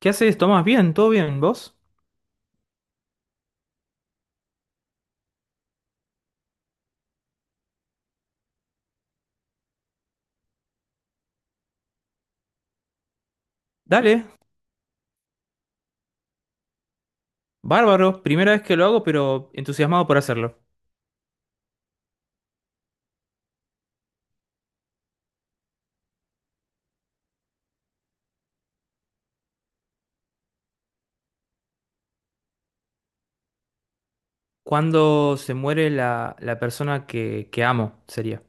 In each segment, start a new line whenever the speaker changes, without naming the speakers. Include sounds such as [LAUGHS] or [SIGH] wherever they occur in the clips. ¿Qué haces, Tomás? Bien, todo bien, ¿vos? Dale, bárbaro, primera vez que lo hago, pero entusiasmado por hacerlo. ¿Cuándo se muere la persona que amo? Sería.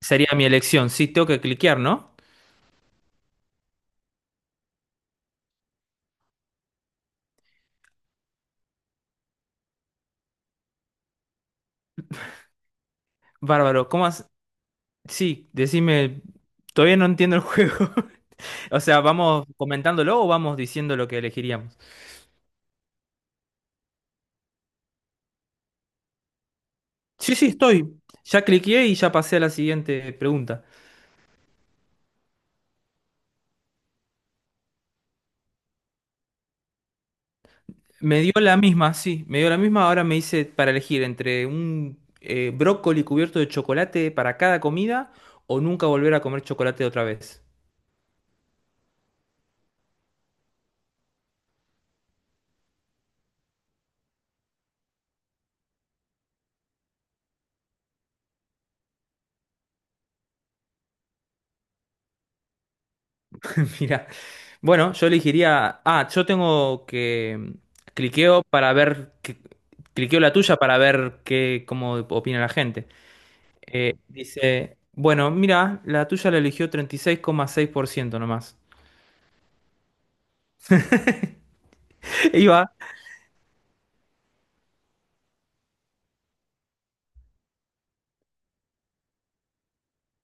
Sería mi elección, sí, tengo que cliquear, ¿no? Bárbaro, ¿cómo has... Sí, decime, todavía no entiendo el juego. [LAUGHS] O sea, ¿vamos comentándolo o vamos diciendo lo que elegiríamos? Sí, sí, estoy. Ya cliqueé y ya pasé a la siguiente pregunta. Me dio la misma, sí, me dio la misma. Ahora me hice para elegir entre un brócoli cubierto de chocolate para cada comida o nunca volver a comer chocolate otra vez. [LAUGHS] Mira, bueno, yo elegiría. Ah, yo tengo que cliqueo para ver. Cliqueo la tuya para ver qué, cómo opina la gente. Dice, bueno, mira, la tuya la eligió 36,6% nomás. [LAUGHS] Iba.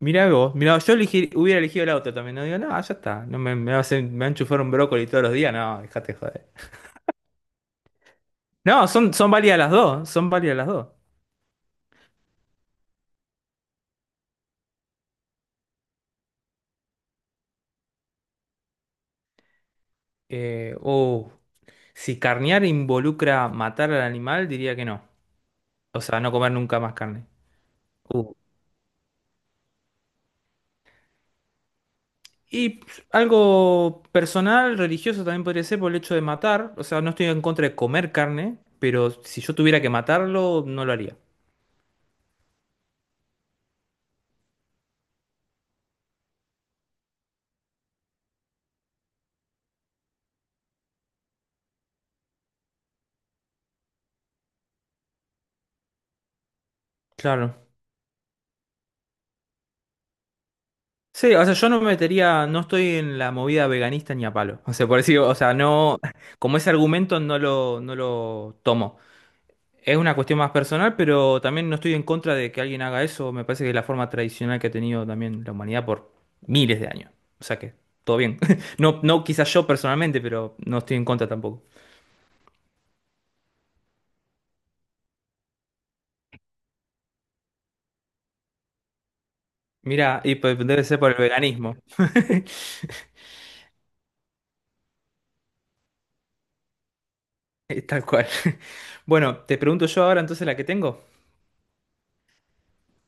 Mirá vos, mirá vos, yo hubiera elegido el auto también. No digo, no, ya está. No me, me va a hacer- me va a enchufar un brócoli todos los días. No, dejate de joder. No, son válidas las dos. Son válidas las dos. Eh, oh, si carnear involucra matar al animal, diría que no. O sea, no comer nunca más carne. Uh. Y pues, algo personal, religioso también podría ser por el hecho de matar. O sea, no estoy en contra de comer carne, pero si yo tuviera que matarlo, no lo haría. Claro. Sí, o sea, yo no me metería, no estoy en la movida veganista ni a palo. O sea, por decir, o sea, no, como ese argumento no lo tomo. Es una cuestión más personal, pero también no estoy en contra de que alguien haga eso. Me parece que es la forma tradicional que ha tenido también la humanidad por miles de años. O sea que todo bien. [LAUGHS] No, no quizás yo personalmente, pero no estoy en contra tampoco. Mira, y pues debe ser por el veganismo. [LAUGHS] Tal cual. Bueno, te pregunto yo ahora entonces la que tengo.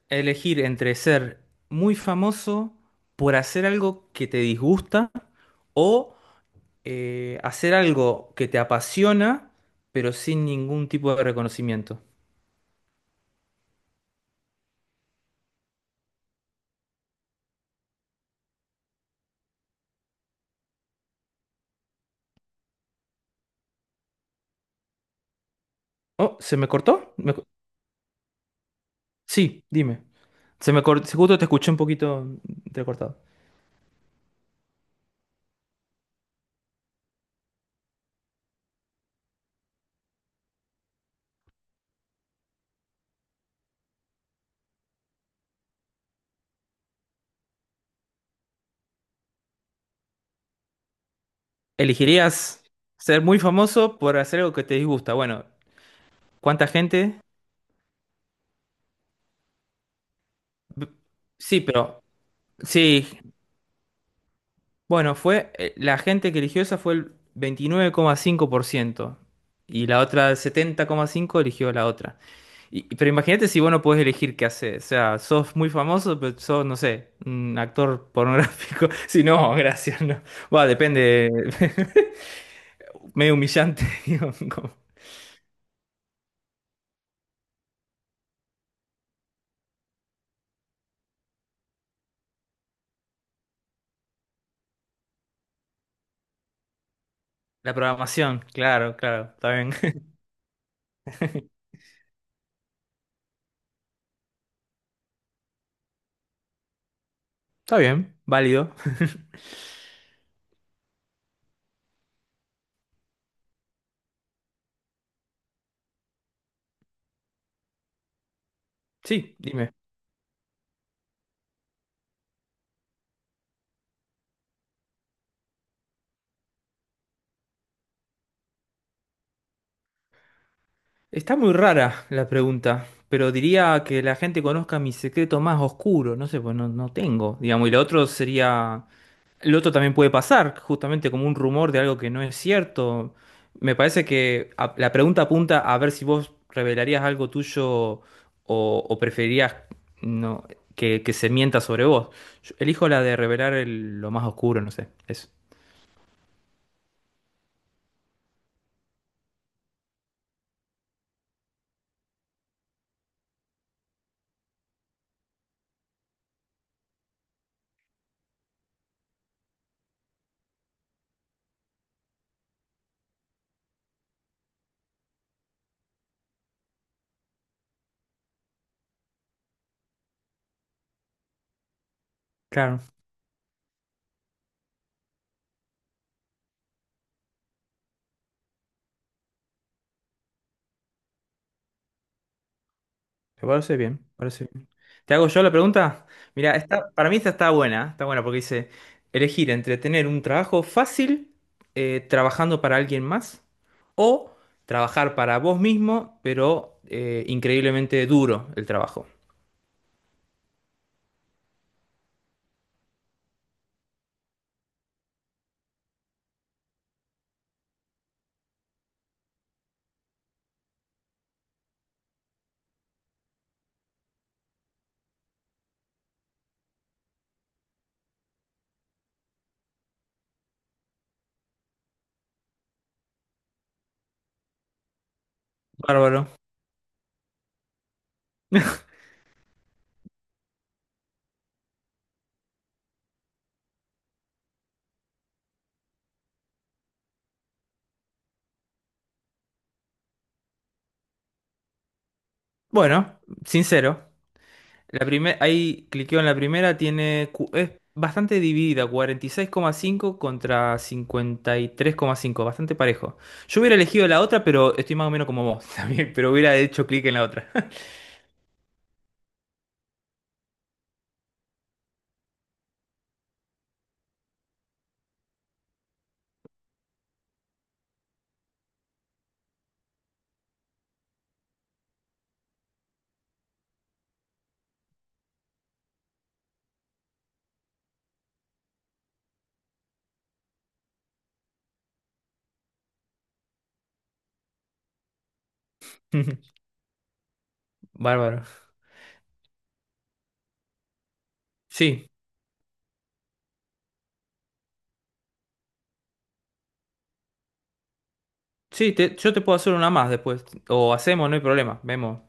Elegir entre ser muy famoso por hacer algo que te disgusta o hacer algo que te apasiona, pero sin ningún tipo de reconocimiento. Oh, ¿se me cortó? Sí, dime. Se me cortó, justo te escuché un poquito entrecortado. ¿Elegirías ser muy famoso por hacer algo que te disgusta? Bueno, ¿cuánta gente? B- Sí, pero sí, bueno, fue la gente que eligió esa fue el 29,5% y la otra el 70,5% eligió la otra. Pero imagínate si vos no podés elegir qué hacer. O sea, sos muy famoso, pero sos, no sé, un actor pornográfico. [LAUGHS] Si no, gracias, no. Va, depende. [LAUGHS] Medio humillante, [LAUGHS] digo, como... La programación, claro, claro, está bien. [LAUGHS] Está bien, válido. [LAUGHS] Sí, dime. Está muy rara la pregunta, pero diría que la gente conozca mi secreto más oscuro, no sé, pues no, no tengo, digamos, y lo otro sería, lo otro también puede pasar, justamente como un rumor de algo que no es cierto. Me parece que la pregunta apunta a ver si vos revelarías algo tuyo o preferirías no, que se mienta sobre vos. Yo elijo la de lo más oscuro, no sé, eso. Claro. Me parece bien, parece bien. ¿Te hago yo la pregunta? Mira, esta, para mí esta está buena porque dice elegir entre tener un trabajo fácil, trabajando para alguien más, o trabajar para vos mismo, pero increíblemente duro el trabajo. Bárbaro. [LAUGHS] Bueno, sincero. La primer, ahí cliqueo en la primera, tiene, es bastante dividida, 46,5 contra 53,5, bastante parejo. Yo hubiera elegido la otra, pero estoy más o menos como vos [LAUGHS] también, pero hubiera hecho clic en la otra. [LAUGHS] Bárbaro. Sí, sí, yo te puedo hacer una más después, o hacemos, no hay problema, vemos.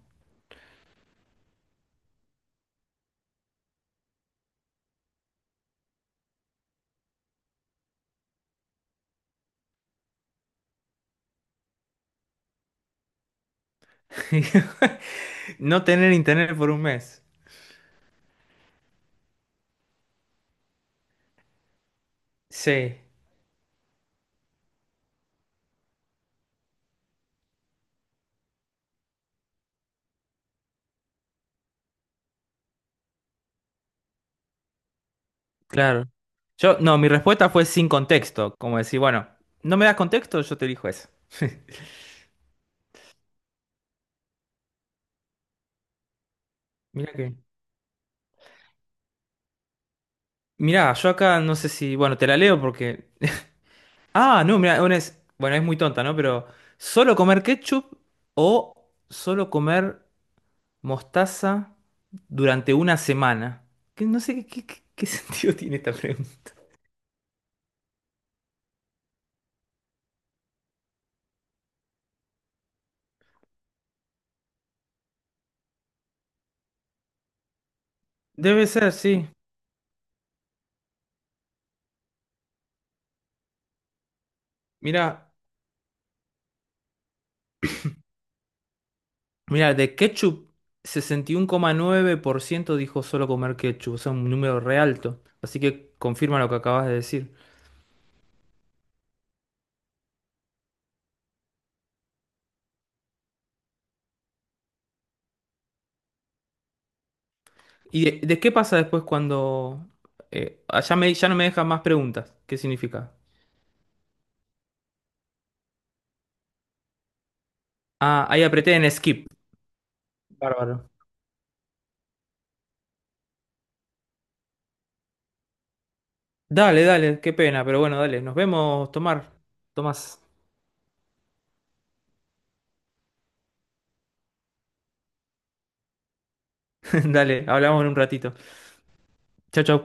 [LAUGHS] No tener internet por un mes. Sí, claro. Yo, no, mi respuesta fue sin contexto, como decir, bueno, no me das contexto, yo te elijo eso. [LAUGHS] Mira que... Mirá, yo acá no sé si. Bueno, te la leo porque. [LAUGHS] Ah, no, mirá, una es. Bueno, es muy tonta, ¿no? Pero. ¿Solo comer ketchup o solo comer mostaza durante una semana? Que no sé qué, qué [LAUGHS] sentido tiene esta pregunta. Debe ser, sí. Mirá, mirá, de ketchup, 61,9% dijo solo comer ketchup. O sea, un número re alto. Así que confirma lo que acabas de decir. ¿Y de qué pasa después cuando ya me, ya no me dejan más preguntas? ¿Qué significa? Ah, ahí apreté en skip. Bárbaro. Dale, dale, qué pena, pero bueno, dale. Nos vemos, Tomar. Tomás. [LAUGHS] Dale, hablamos en un ratito. Chau, chau.